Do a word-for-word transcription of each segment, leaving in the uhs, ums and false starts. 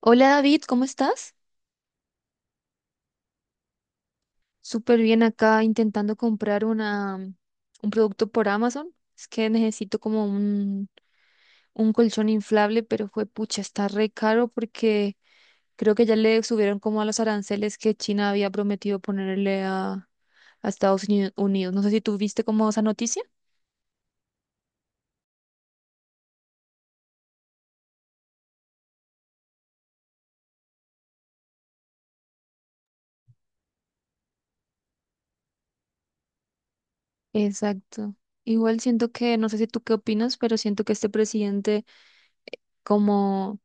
Hola David, ¿cómo estás? Súper bien acá intentando comprar una, mm, un producto por Amazon. Es que necesito como un, un colchón inflable, pero fue pucha, está re caro porque creo que ya le subieron como a los aranceles que China había prometido ponerle a, a Estados Uni- Unidos. No sé si tú viste como esa noticia. Exacto. Igual siento que, no sé si tú qué opinas, pero siento que este presidente como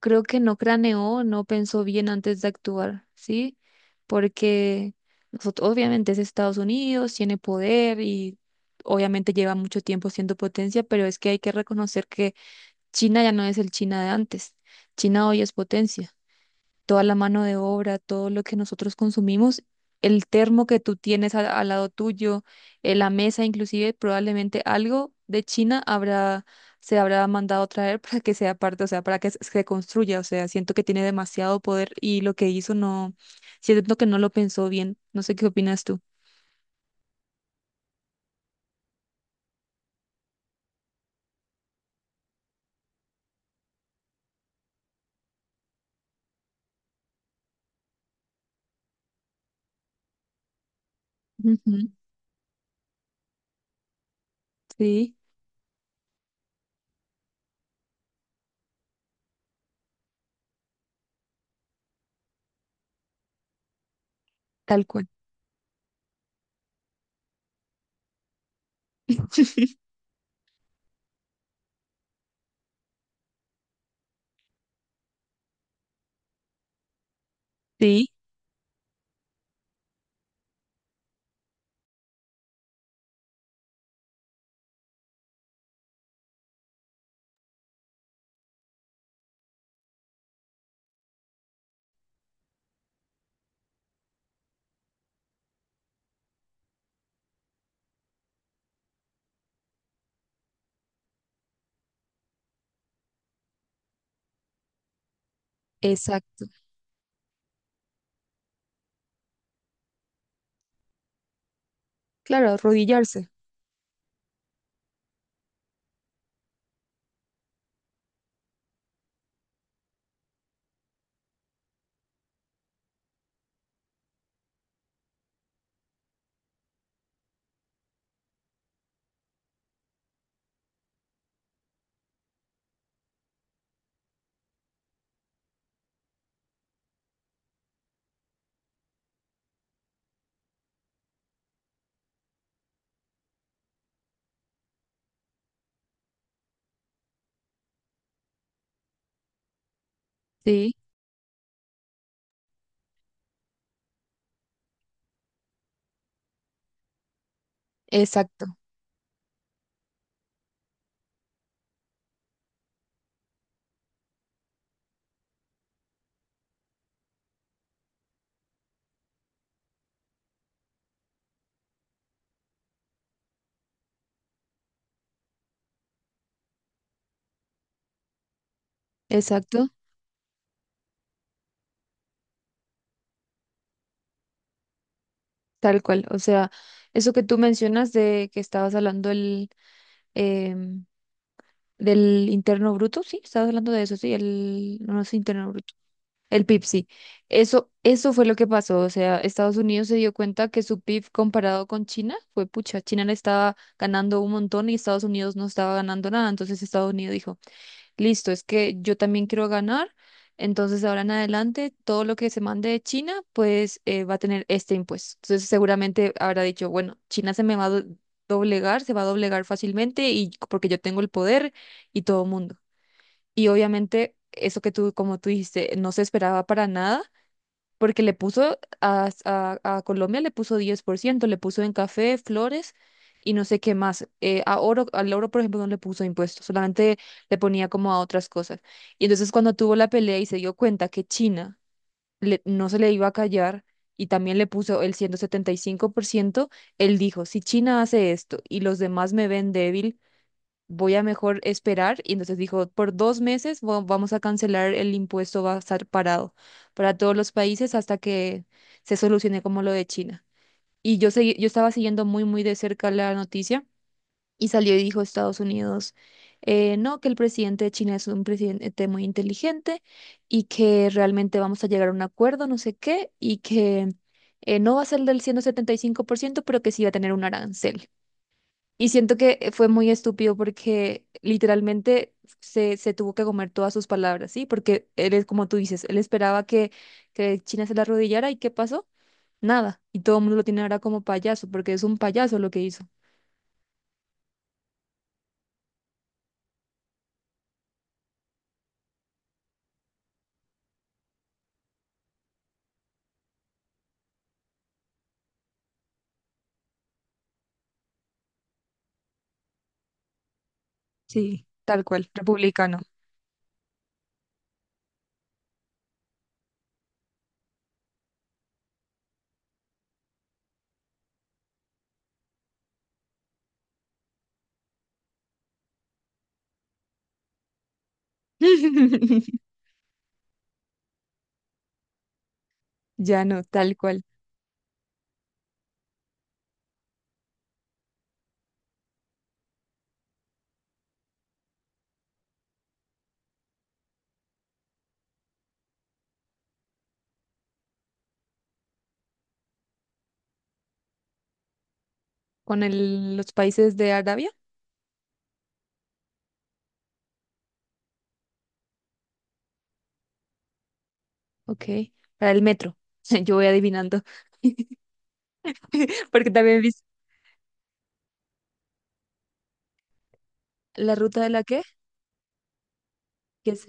creo que no craneó, no pensó bien antes de actuar, ¿sí? Porque nosotros, obviamente es Estados Unidos, tiene poder y obviamente lleva mucho tiempo siendo potencia, pero es que hay que reconocer que China ya no es el China de antes. China hoy es potencia, toda la mano de obra, todo lo que nosotros consumimos, el termo que tú tienes al, al lado tuyo, eh, la mesa, inclusive probablemente algo de China habrá, se habrá mandado traer para que sea parte, o sea, para que se se construya, o sea, siento que tiene demasiado poder y lo que hizo no, siento que no lo pensó bien, no sé qué opinas tú. Ujú, sí, tal cual. Sí, exacto. Claro, arrodillarse. Sí, exacto, exacto. Tal cual, o sea, eso que tú mencionas de que estabas hablando el, em, del interno bruto, sí, estabas hablando de eso, sí, el, no no es interno bruto, el P I B, sí. Eso, eso fue lo que pasó, o sea, Estados Unidos se dio cuenta que su P I B comparado con China fue pucha, China le estaba ganando un montón y Estados Unidos no estaba ganando nada, entonces Estados Unidos dijo, listo, es que yo también quiero ganar, entonces de ahora en adelante todo lo que se mande de China, pues eh, va a tener este impuesto. Entonces seguramente habrá dicho, bueno, China se me va a do- doblegar, se va a doblegar fácilmente y porque yo tengo el poder y todo el mundo. Y obviamente eso que tú, como tú dijiste, no se esperaba para nada porque le puso a, a- a Colombia, le puso diez por ciento, le puso en café, flores y no sé qué más. Eh, a oro, al oro, por ejemplo, no le puso impuestos, solamente le ponía como a otras cosas. Y entonces cuando tuvo la pelea y se dio cuenta que China le- no se le iba a callar y también le puso el ciento setenta y cinco por ciento, él dijo, si China hace esto y los demás me ven débil, voy a mejor esperar. Y entonces dijo, por dos meses va- vamos a cancelar el impuesto, va a estar parado para todos los países hasta que se solucione como lo de China. Y yo segui- yo estaba siguiendo muy, muy de cerca la noticia y salió y dijo Estados Unidos, eh, no, que el presidente de China es un presidente muy inteligente y que realmente vamos a llegar a un acuerdo, no sé qué, y que eh, no va a ser del ciento setenta y cinco por ciento pero que sí va a tener un arancel. Y siento que eh, fue muy estúpido porque literalmente se, se tuvo que comer todas sus palabras, ¿sí? Porque él es como tú dices, él esperaba que, que China se la arrodillara y ¿qué pasó? Nada. Y todo el mundo lo tiene ahora como payaso, porque es un payaso lo que hizo. Sí. Tal cual, republicano. Ya no, tal cual. Con el- los países de Arabia, ok. Para el metro, yo voy adivinando. Porque también viste la ruta de la que, que es...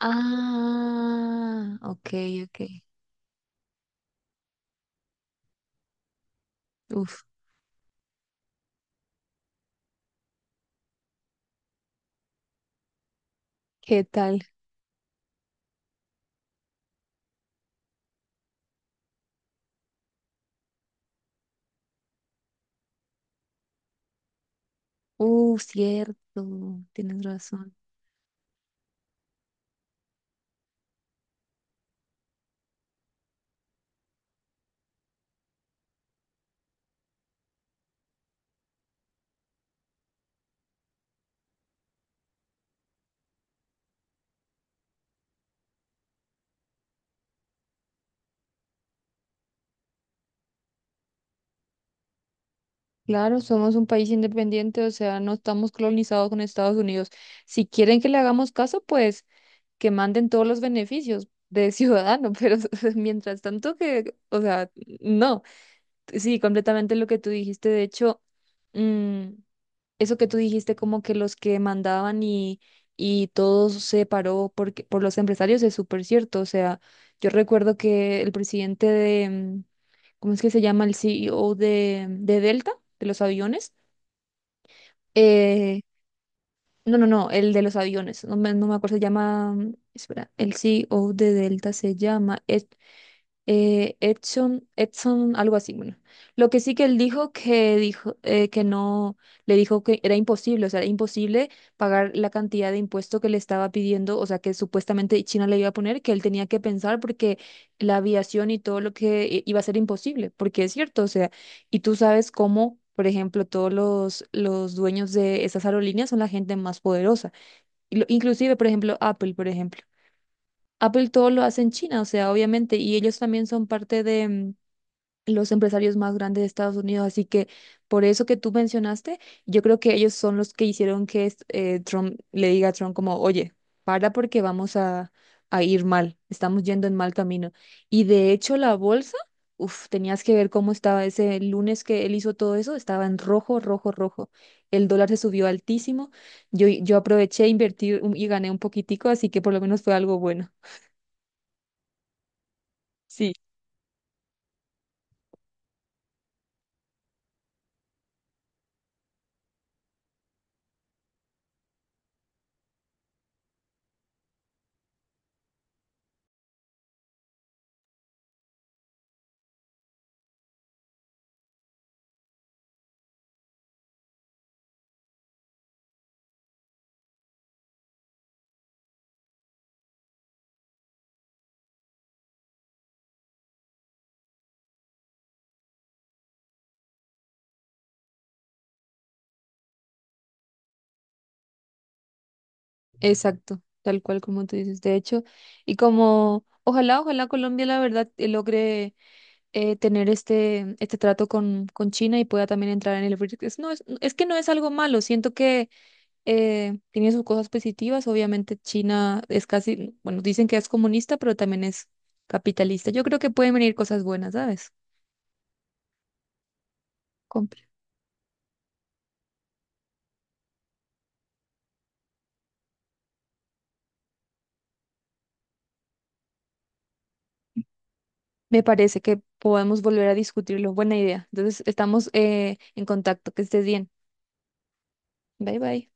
Ah, ok, ok. Uf, ¿qué tal? Uh, cierto, tienes razón. Claro, somos un país independiente, o sea, no estamos colonizados con Estados Unidos. Si quieren que le hagamos caso, pues que manden todos los beneficios de ciudadano, pero mientras tanto que, o sea, no. Sí, completamente lo que tú dijiste. De hecho, mm, eso que tú dijiste, como que los que mandaban y, y todo se paró porque, por los empresarios, es súper cierto. O sea, yo recuerdo que el presidente de, mm, ¿cómo es que se llama? El C E O de, mm, de Delta, de los aviones. Eh, no, no, no, el de los aviones. No me, no me acuerdo, se llama, mm, espera, el C E O de Delta se llama Ed eh, Edson, Edson, algo así, bueno. Lo que sí que él dijo que dijo eh, que no, le dijo que era imposible, o sea, era imposible pagar la cantidad de impuesto que le estaba pidiendo, o sea, que supuestamente China le iba a poner, que él tenía que pensar porque la aviación y todo lo que i- iba a ser imposible, porque es cierto, o sea, y tú sabes cómo, por ejemplo, todos los, los dueños de esas aerolíneas son la gente más poderosa, y lo- inclusive, por ejemplo, Apple, por ejemplo. Apple todo lo hace en China, o sea, obviamente, y ellos también son parte de mm, los empresarios más grandes de Estados Unidos, así que por eso que tú mencionaste, yo creo que ellos son los que hicieron que es- eh, Trump le diga a Trump como, oye, para porque vamos a, a ir mal, estamos yendo en mal camino. Y de hecho la bolsa, uff, tenías que ver cómo estaba ese lunes que él hizo todo eso, estaba en rojo, rojo, rojo. El dólar se subió altísimo, yo, yo aproveché, invertí un- y gané un poquitico, así que por lo menos fue algo bueno. Sí. Exacto, tal cual como tú dices, de hecho, y como ojalá, ojalá Colombia la verdad eh, logre eh, tener este, este trato con, con China y pueda también entrar en el BRICS. Es- No, es, es que no es algo malo, siento que eh, tiene sus cosas positivas, obviamente China es casi, bueno, dicen que es comunista, pero también es capitalista. Yo creo que pueden venir cosas buenas, ¿sabes? Compre. Me parece que podemos volver a discutirlo, buena idea. Entonces, estamos eh, en contacto, que estés bien. Bye bye.